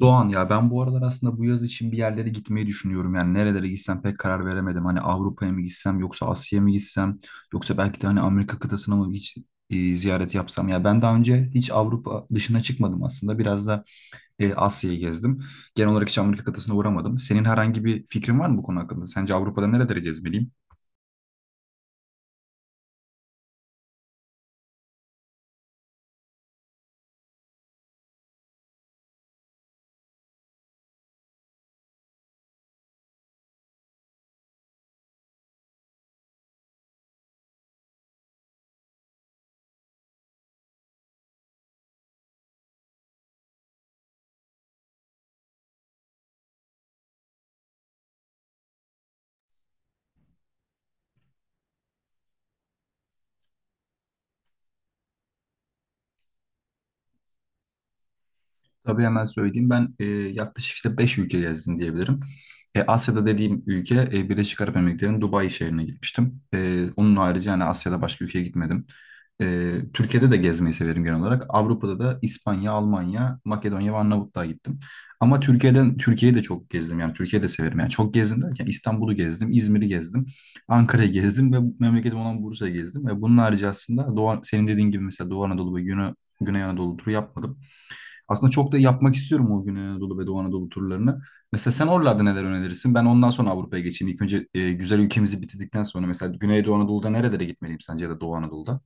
Doğan ya ben bu aralar aslında bu yaz için bir yerlere gitmeyi düşünüyorum. Yani nerelere gitsem pek karar veremedim. Hani Avrupa'ya mı gitsem yoksa Asya'ya mı gitsem yoksa belki de hani Amerika kıtasına mı hiç ziyaret yapsam. Ya ben daha önce hiç Avrupa dışına çıkmadım aslında. Biraz da Asya'yı gezdim. Genel olarak hiç Amerika kıtasına uğramadım. Senin herhangi bir fikrin var mı bu konu hakkında? Sence Avrupa'da nerelere gezmeliyim? Tabii hemen söyleyeyim. Ben yaklaşık işte 5 ülke gezdim diyebilirim. Asya'da dediğim ülke Birleşik Arap Emirlikleri'nin Dubai şehrine gitmiştim. Onun harici yani Asya'da başka ülkeye gitmedim. Türkiye'de de gezmeyi severim genel olarak. Avrupa'da da İspanya, Almanya, Makedonya ve Arnavutluğa gittim. Ama Türkiye'den Türkiye'yi de çok gezdim yani Türkiye'yi de severim. Yani çok gezdim derken İstanbul'u gezdim, İzmir'i gezdim, Ankara'yı gezdim ve memleketim olan Bursa'yı gezdim. Ve bunun harici aslında Doğu, senin dediğin gibi mesela Doğu Anadolu ve Güney Anadolu turu yapmadım. Aslında çok da yapmak istiyorum o Güney Anadolu ve Doğu Anadolu turlarını. Mesela sen oralarda neler önerirsin? Ben ondan sonra Avrupa'ya geçeyim. İlk önce güzel ülkemizi bitirdikten sonra mesela Güney Doğu Anadolu'da nerelere gitmeliyim sence ya da Doğu Anadolu'da?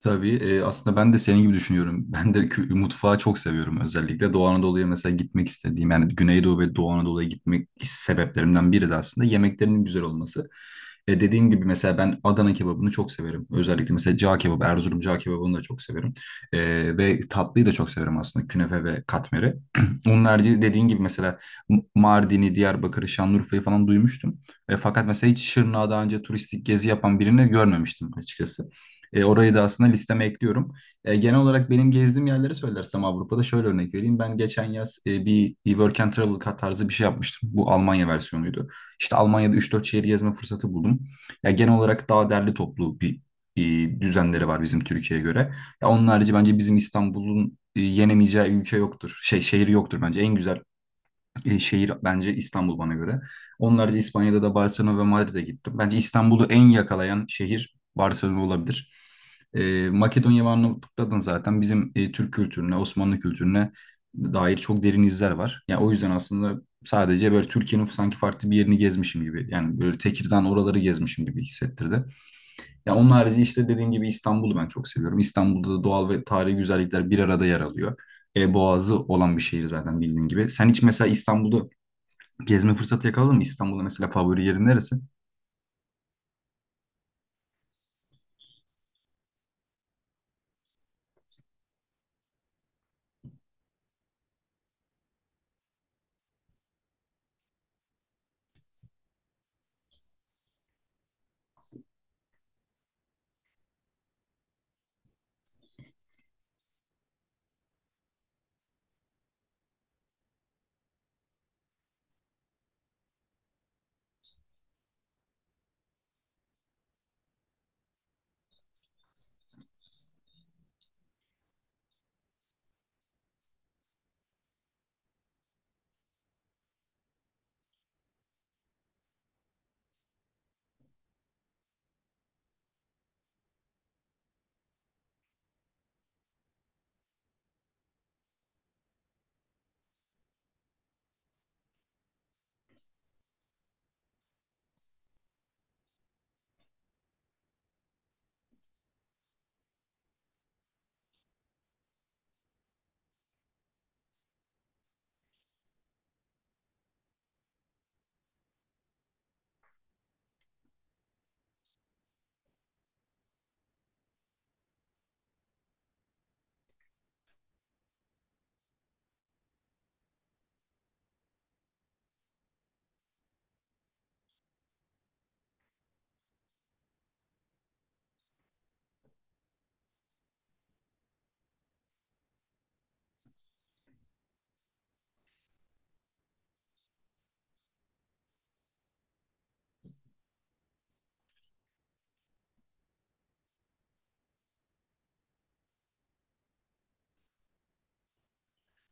Tabii aslında ben de senin gibi düşünüyorum. Ben de mutfağı çok seviyorum özellikle. Doğu Anadolu'ya mesela gitmek istediğim yani Güneydoğu ve Doğu Anadolu'ya gitmek sebeplerimden biri de aslında yemeklerinin güzel olması. Dediğim gibi mesela ben Adana kebabını çok severim. Özellikle mesela cağ kebabı, Erzurum cağ kebabını da çok severim. E, Ve tatlıyı da çok severim aslında künefe ve katmeri. Onun harici dediğin gibi mesela Mardin'i, Diyarbakır'ı, Şanlıurfa'yı falan duymuştum. Fakat mesela hiç Şırnak'a daha önce turistik gezi yapan birini görmemiştim açıkçası. Orayı da aslında listeme ekliyorum. Genel olarak benim gezdiğim yerleri söylersem Avrupa'da şöyle örnek vereyim. Ben geçen yaz bir Work and Travel kat tarzı bir şey yapmıştım. Bu Almanya versiyonuydu. İşte Almanya'da 3-4 şehir gezme fırsatı buldum. Ya genel olarak daha derli toplu bir düzenleri var bizim Türkiye'ye göre. Ya onun harici bence bizim İstanbul'un yenemeyeceği ülke yoktur. Şey şehri yoktur bence. En güzel şehir bence İstanbul bana göre. Onlarca İspanya'da da Barcelona ve Madrid'e gittim. Bence İstanbul'u en yakalayan şehir Barcelona olabilir. Makedonya ve Arnavutluk'ta da zaten bizim Türk kültürüne, Osmanlı kültürüne dair çok derin izler var. Yani o yüzden aslında sadece böyle Türkiye'nin sanki farklı bir yerini gezmişim gibi. Yani böyle Tekirdağ oraları gezmişim gibi hissettirdi. Ya onun harici işte dediğim gibi İstanbul'u ben çok seviyorum. İstanbul'da da doğal ve tarihi güzellikler bir arada yer alıyor. Boğazı olan bir şehir zaten bildiğin gibi. Sen hiç mesela İstanbul'da gezme fırsatı yakaladın mı? İstanbul'da mesela favori yerin neresi?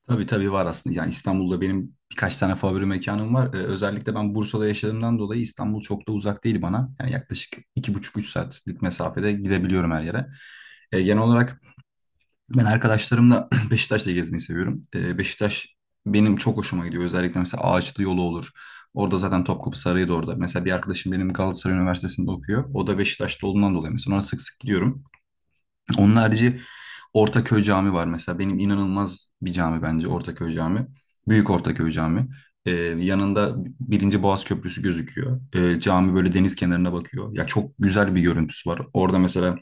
Tabii tabii var aslında. Yani İstanbul'da benim birkaç tane favori mekanım var. Özellikle ben Bursa'da yaşadığımdan dolayı İstanbul çok da uzak değil bana. Yani yaklaşık 2,5-3 saatlik mesafede gidebiliyorum her yere. Genel olarak ben arkadaşlarımla Beşiktaş'ta gezmeyi seviyorum. Beşiktaş benim çok hoşuma gidiyor. Özellikle mesela Ağaçlı yolu olur. Orada zaten Topkapı Sarayı da orada. Mesela bir arkadaşım benim Galatasaray Üniversitesi'nde okuyor. O da Beşiktaş'ta olduğundan dolayı mesela ona sık sık gidiyorum. Onun harici Ortaköy Camii var mesela. Benim inanılmaz bir cami bence Ortaköy Camii. Büyük Ortaköy Camii. Ee, Yanında Birinci Boğaz Köprüsü gözüküyor. Cami böyle deniz kenarına bakıyor. Ya çok güzel bir görüntüsü var. Orada mesela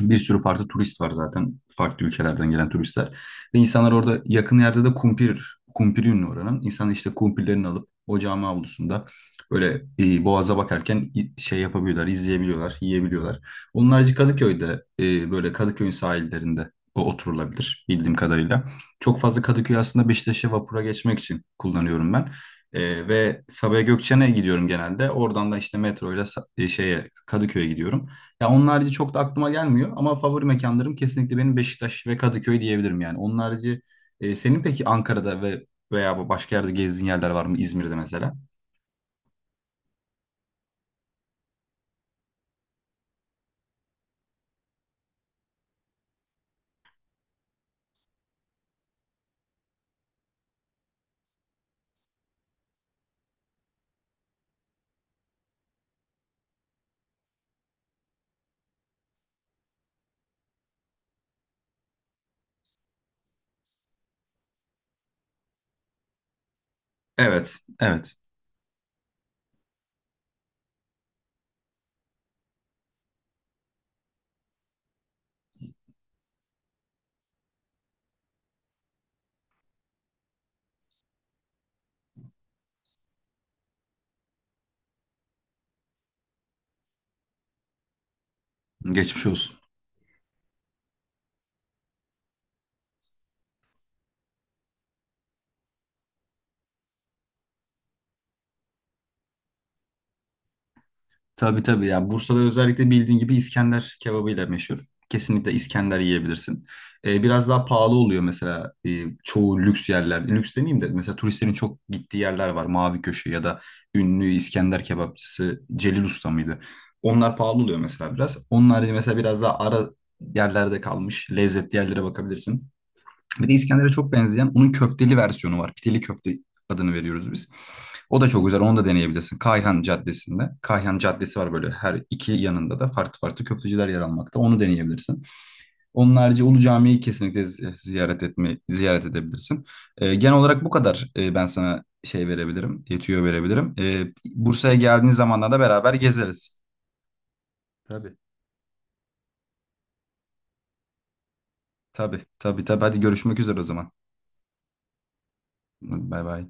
bir sürü farklı turist var zaten. Farklı ülkelerden gelen turistler. Ve insanlar orada yakın yerde de kumpir, kumpir ünlü oranın. İnsanlar işte kumpirlerini alıp o cami avlusunda böyle boğaza bakarken şey yapabiliyorlar, izleyebiliyorlar, yiyebiliyorlar. Onun harici Kadıköy'de böyle Kadıköy'ün sahillerinde o oturulabilir bildiğim kadarıyla. Çok fazla Kadıköy aslında Beşiktaş'a vapura geçmek için kullanıyorum ben. Ve Sabiha Gökçen'e gidiyorum genelde. Oradan da işte metro ile şeye Kadıköy'e gidiyorum. Ya onun harici çok da aklıma gelmiyor ama favori mekanlarım kesinlikle benim Beşiktaş ve Kadıköy diyebilirim yani. Onun harici senin peki Ankara'da ve veya başka yerde gezdiğin yerler var mı? İzmir'de mesela? Evet, evet. Geçmiş olsun. Tabii tabii yani Bursa'da özellikle bildiğin gibi İskender kebabıyla meşhur. Kesinlikle İskender yiyebilirsin. Biraz daha pahalı oluyor mesela çoğu lüks yerler. Lüks demeyeyim de mesela turistlerin çok gittiği yerler var. Mavi Köşe ya da ünlü İskender kebapçısı Celil Usta mıydı? Onlar pahalı oluyor mesela biraz. Onun harici mesela biraz daha ara yerlerde kalmış lezzetli yerlere bakabilirsin. Bir de İskender'e çok benzeyen onun köfteli versiyonu var. Pideli köfte adını veriyoruz biz. O da çok güzel. Onu da deneyebilirsin. Kayhan Caddesi'nde. Kayhan Caddesi var böyle her iki yanında da farklı farklı köfteciler yer almakta. Onu deneyebilirsin. Onun harici Ulu Cami'yi kesinlikle ziyaret edebilirsin. Genel olarak bu kadar ben sana şey verebilirim, yetiyor verebilirim. Bursa'ya geldiğiniz zamanlarda da beraber gezeriz. Tabii. Tabii, tabii, tabii. Hadi görüşmek üzere o zaman. Bay bay.